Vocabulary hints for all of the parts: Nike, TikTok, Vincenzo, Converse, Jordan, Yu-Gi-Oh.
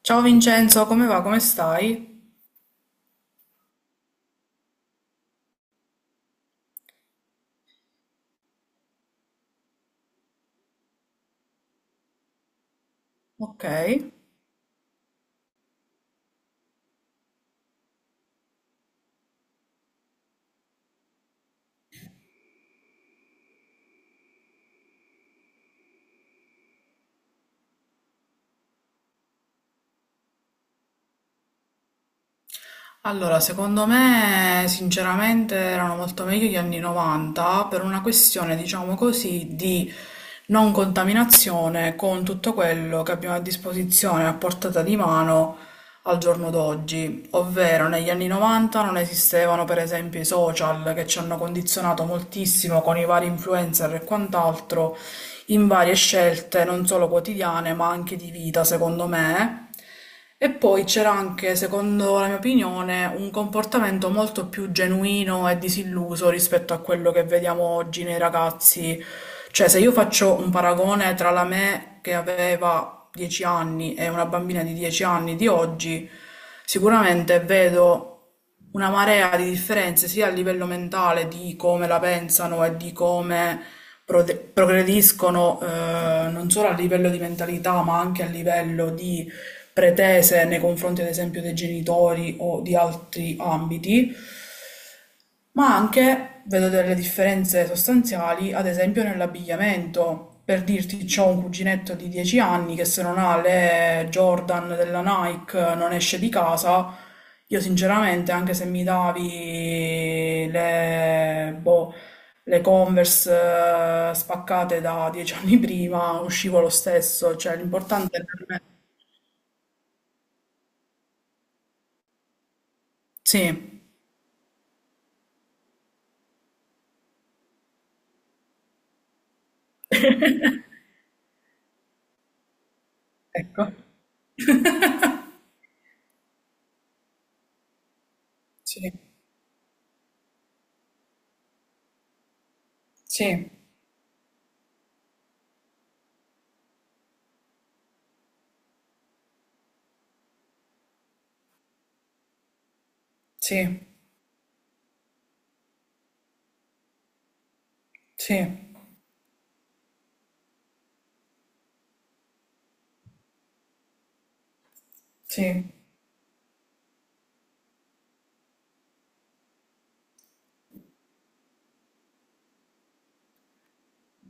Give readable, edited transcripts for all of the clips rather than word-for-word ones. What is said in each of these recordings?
Ciao Vincenzo, come va? Come stai? Ok. Allora, secondo me, sinceramente, erano molto meglio gli anni 90 per una questione, diciamo così, di non contaminazione con tutto quello che abbiamo a disposizione a portata di mano al giorno d'oggi, ovvero negli anni 90 non esistevano per esempio i social che ci hanno condizionato moltissimo con i vari influencer e quant'altro in varie scelte non solo quotidiane ma anche di vita, secondo me. E poi c'era anche, secondo la mia opinione, un comportamento molto più genuino e disilluso rispetto a quello che vediamo oggi nei ragazzi. Cioè, se io faccio un paragone tra la me che aveva fa 10 anni e una bambina di 10 anni di oggi, sicuramente vedo una marea di differenze sia a livello mentale di come la pensano e di come progrediscono, non solo a livello di mentalità, ma anche a livello di pretese nei confronti, ad esempio, dei genitori o di altri ambiti. Ma anche vedo delle differenze sostanziali, ad esempio nell'abbigliamento. Per dirti, c'ho un cuginetto di 10 anni che se non ha le Jordan della Nike non esce di casa. Io sinceramente, anche se mi davi le, boh, le Converse spaccate da 10 anni prima, uscivo lo stesso. Cioè, l'importante per me... Sì, ecco. Sì, sì, sì, sì, sì.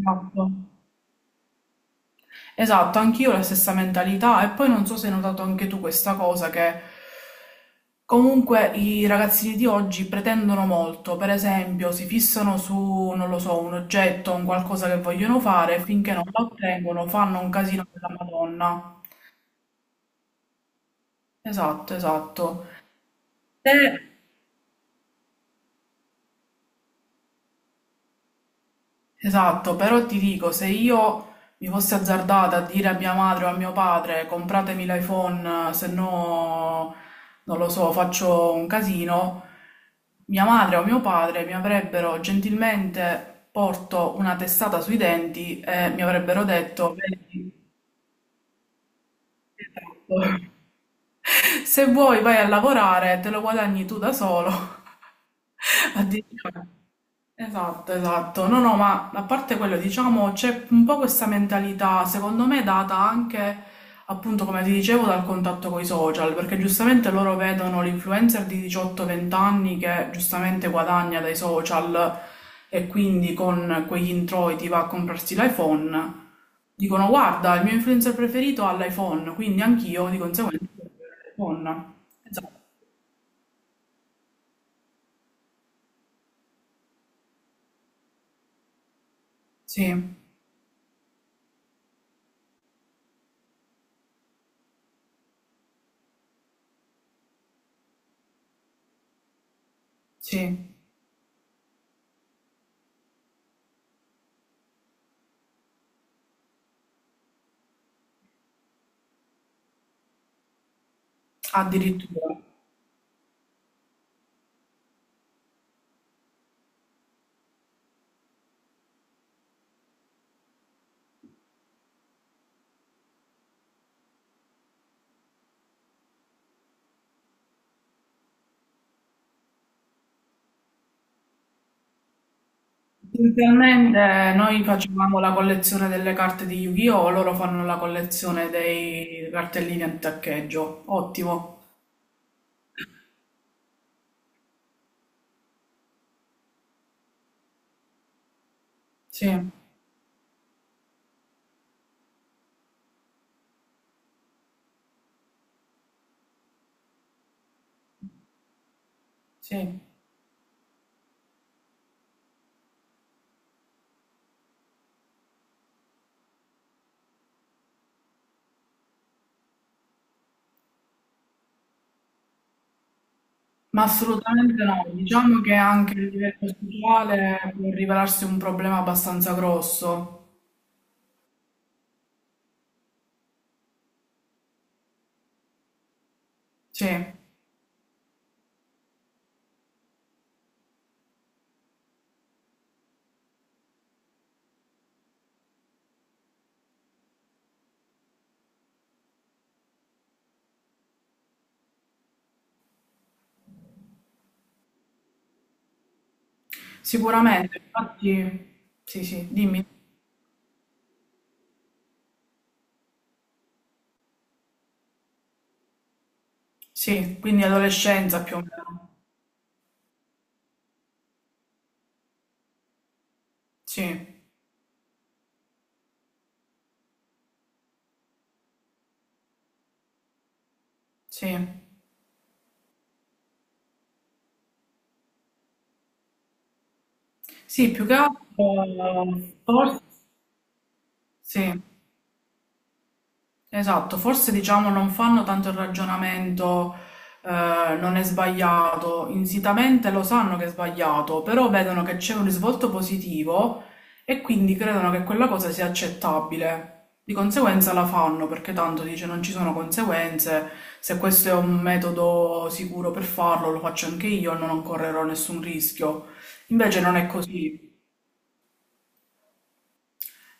Esatto. Esatto, anch'io ho la stessa mentalità e poi non so se hai notato anche tu questa cosa che comunque i ragazzini di oggi pretendono molto, per esempio si fissano su, non lo so, un oggetto, un qualcosa che vogliono fare, finché non lo ottengono fanno un casino della Madonna. Esatto, esatto. Te Esatto, però ti dico, se io mi fossi azzardata a dire a mia madre o a mio padre compratemi l'iPhone, se no, non lo so, faccio un casino, mia madre o mio padre mi avrebbero gentilmente porto una testata sui denti e mi avrebbero detto, "Vedi, esatto, se vuoi vai a lavorare, te lo guadagni tu da solo. Addirittura. Esatto, esatto. No, no, ma a parte quello, diciamo, c'è un po' questa mentalità, secondo me, data anche, appunto, come ti dicevo, dal contatto con i social, perché giustamente loro vedono l'influencer di 18-20 anni che giustamente guadagna dai social e quindi con quegli introiti va a comprarsi l'iPhone. Dicono, guarda, il mio influencer preferito ha l'iPhone, quindi anch'io di conseguenza voglio avere l'iPhone. Esatto, sì, sì, addirittura. Inizialmente noi facevamo la collezione delle carte di Yu-Gi-Oh! Loro fanno la collezione dei cartellini a taccheggio. Ottimo, sì, sì. Ma assolutamente no. Diciamo che anche il livello sociale può rivelarsi un problema abbastanza grosso. Sì, sicuramente. Infatti, sì, sì, dimmi. Sì, quindi adolescenza più o meno. Sì, sì. Sì, più che altro, forse, sì. Esatto, forse diciamo non fanno tanto il ragionamento, non è sbagliato, insitamente lo sanno che è sbagliato, però vedono che c'è un risvolto positivo e quindi credono che quella cosa sia accettabile. Di conseguenza la fanno perché tanto dice non ci sono conseguenze, se questo è un metodo sicuro per farlo lo faccio anche io, non correrò nessun rischio. Invece non è così.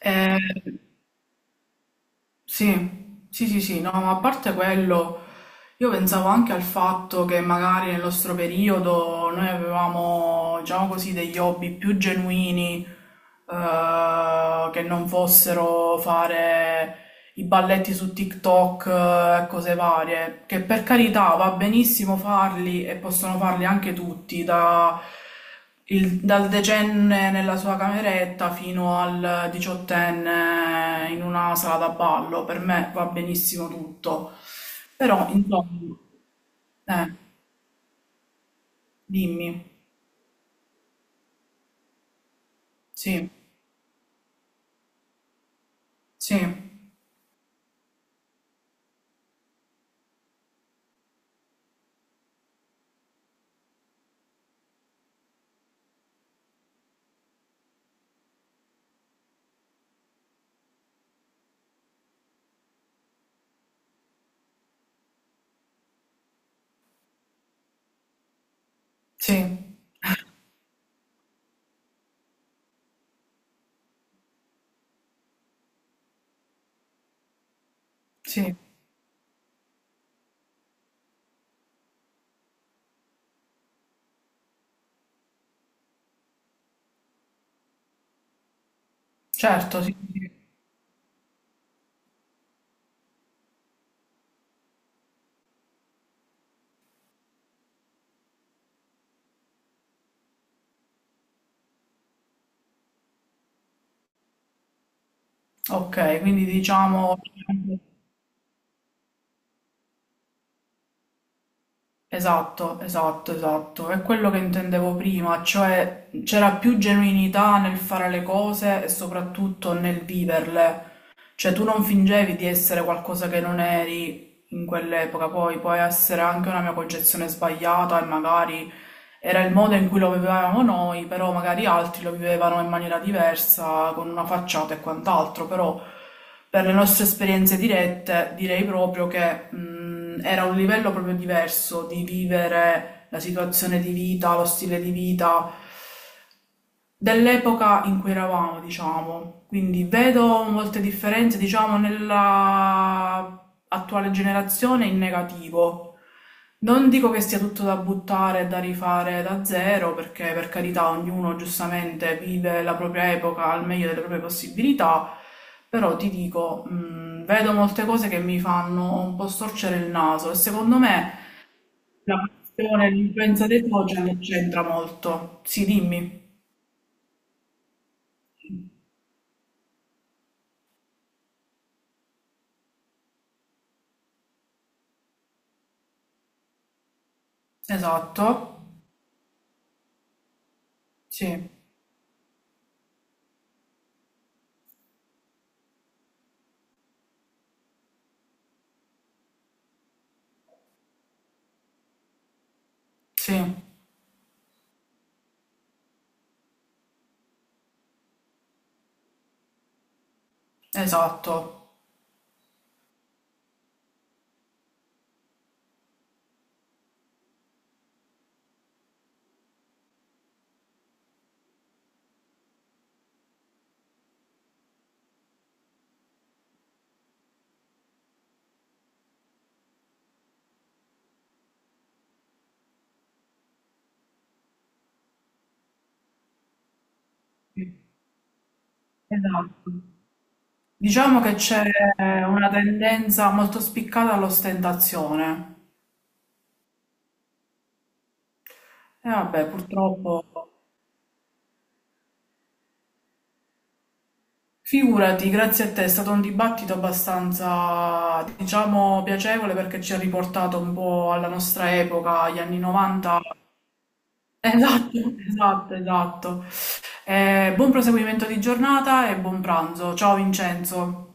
Eh, sì, sì, sì, sì, no, ma a parte quello, io pensavo anche al fatto che magari nel nostro periodo noi avevamo, diciamo così, degli hobby più genuini, che non fossero fare i balletti su TikTok e cose varie, che per carità va benissimo farli e possono farli anche tutti, dal decenne nella sua cameretta fino al diciottenne in una sala da ballo, per me va benissimo tutto. Però, insomma, eh, dimmi, sì, sì, sì, sì, certo, sì, sì. Ok, quindi diciamo... Esatto, esatto, esatto. È quello che intendevo prima, cioè c'era più genuinità nel fare le cose e soprattutto nel viverle. Cioè tu non fingevi di essere qualcosa che non eri in quell'epoca, poi può essere anche una mia concezione sbagliata e magari era il modo in cui lo vivevamo noi, però magari altri lo vivevano in maniera diversa, con una facciata e quant'altro, però per le nostre esperienze dirette direi proprio che era un livello proprio diverso di vivere la situazione di vita, lo stile di vita, dell'epoca in cui eravamo, diciamo. Quindi vedo molte differenze, diciamo, nella attuale generazione in negativo. Non dico che sia tutto da buttare e da rifare da zero, perché per carità ognuno giustamente vive la propria epoca al meglio delle proprie possibilità, però ti dico, vedo molte cose che mi fanno un po' storcere il naso e secondo me la questione, l'influenza dei social c'entra molto. Sì, dimmi. Esatto. Sì, sì, esatto. Sì, esatto. Diciamo che c'è una tendenza molto spiccata all'ostentazione. E vabbè, purtroppo, figurati, grazie a te, è stato un dibattito abbastanza, diciamo, piacevole perché ci ha riportato un po' alla nostra epoca, agli anni 90. Esatto, esatto, esatto. Buon proseguimento di giornata e buon pranzo. Ciao Vincenzo.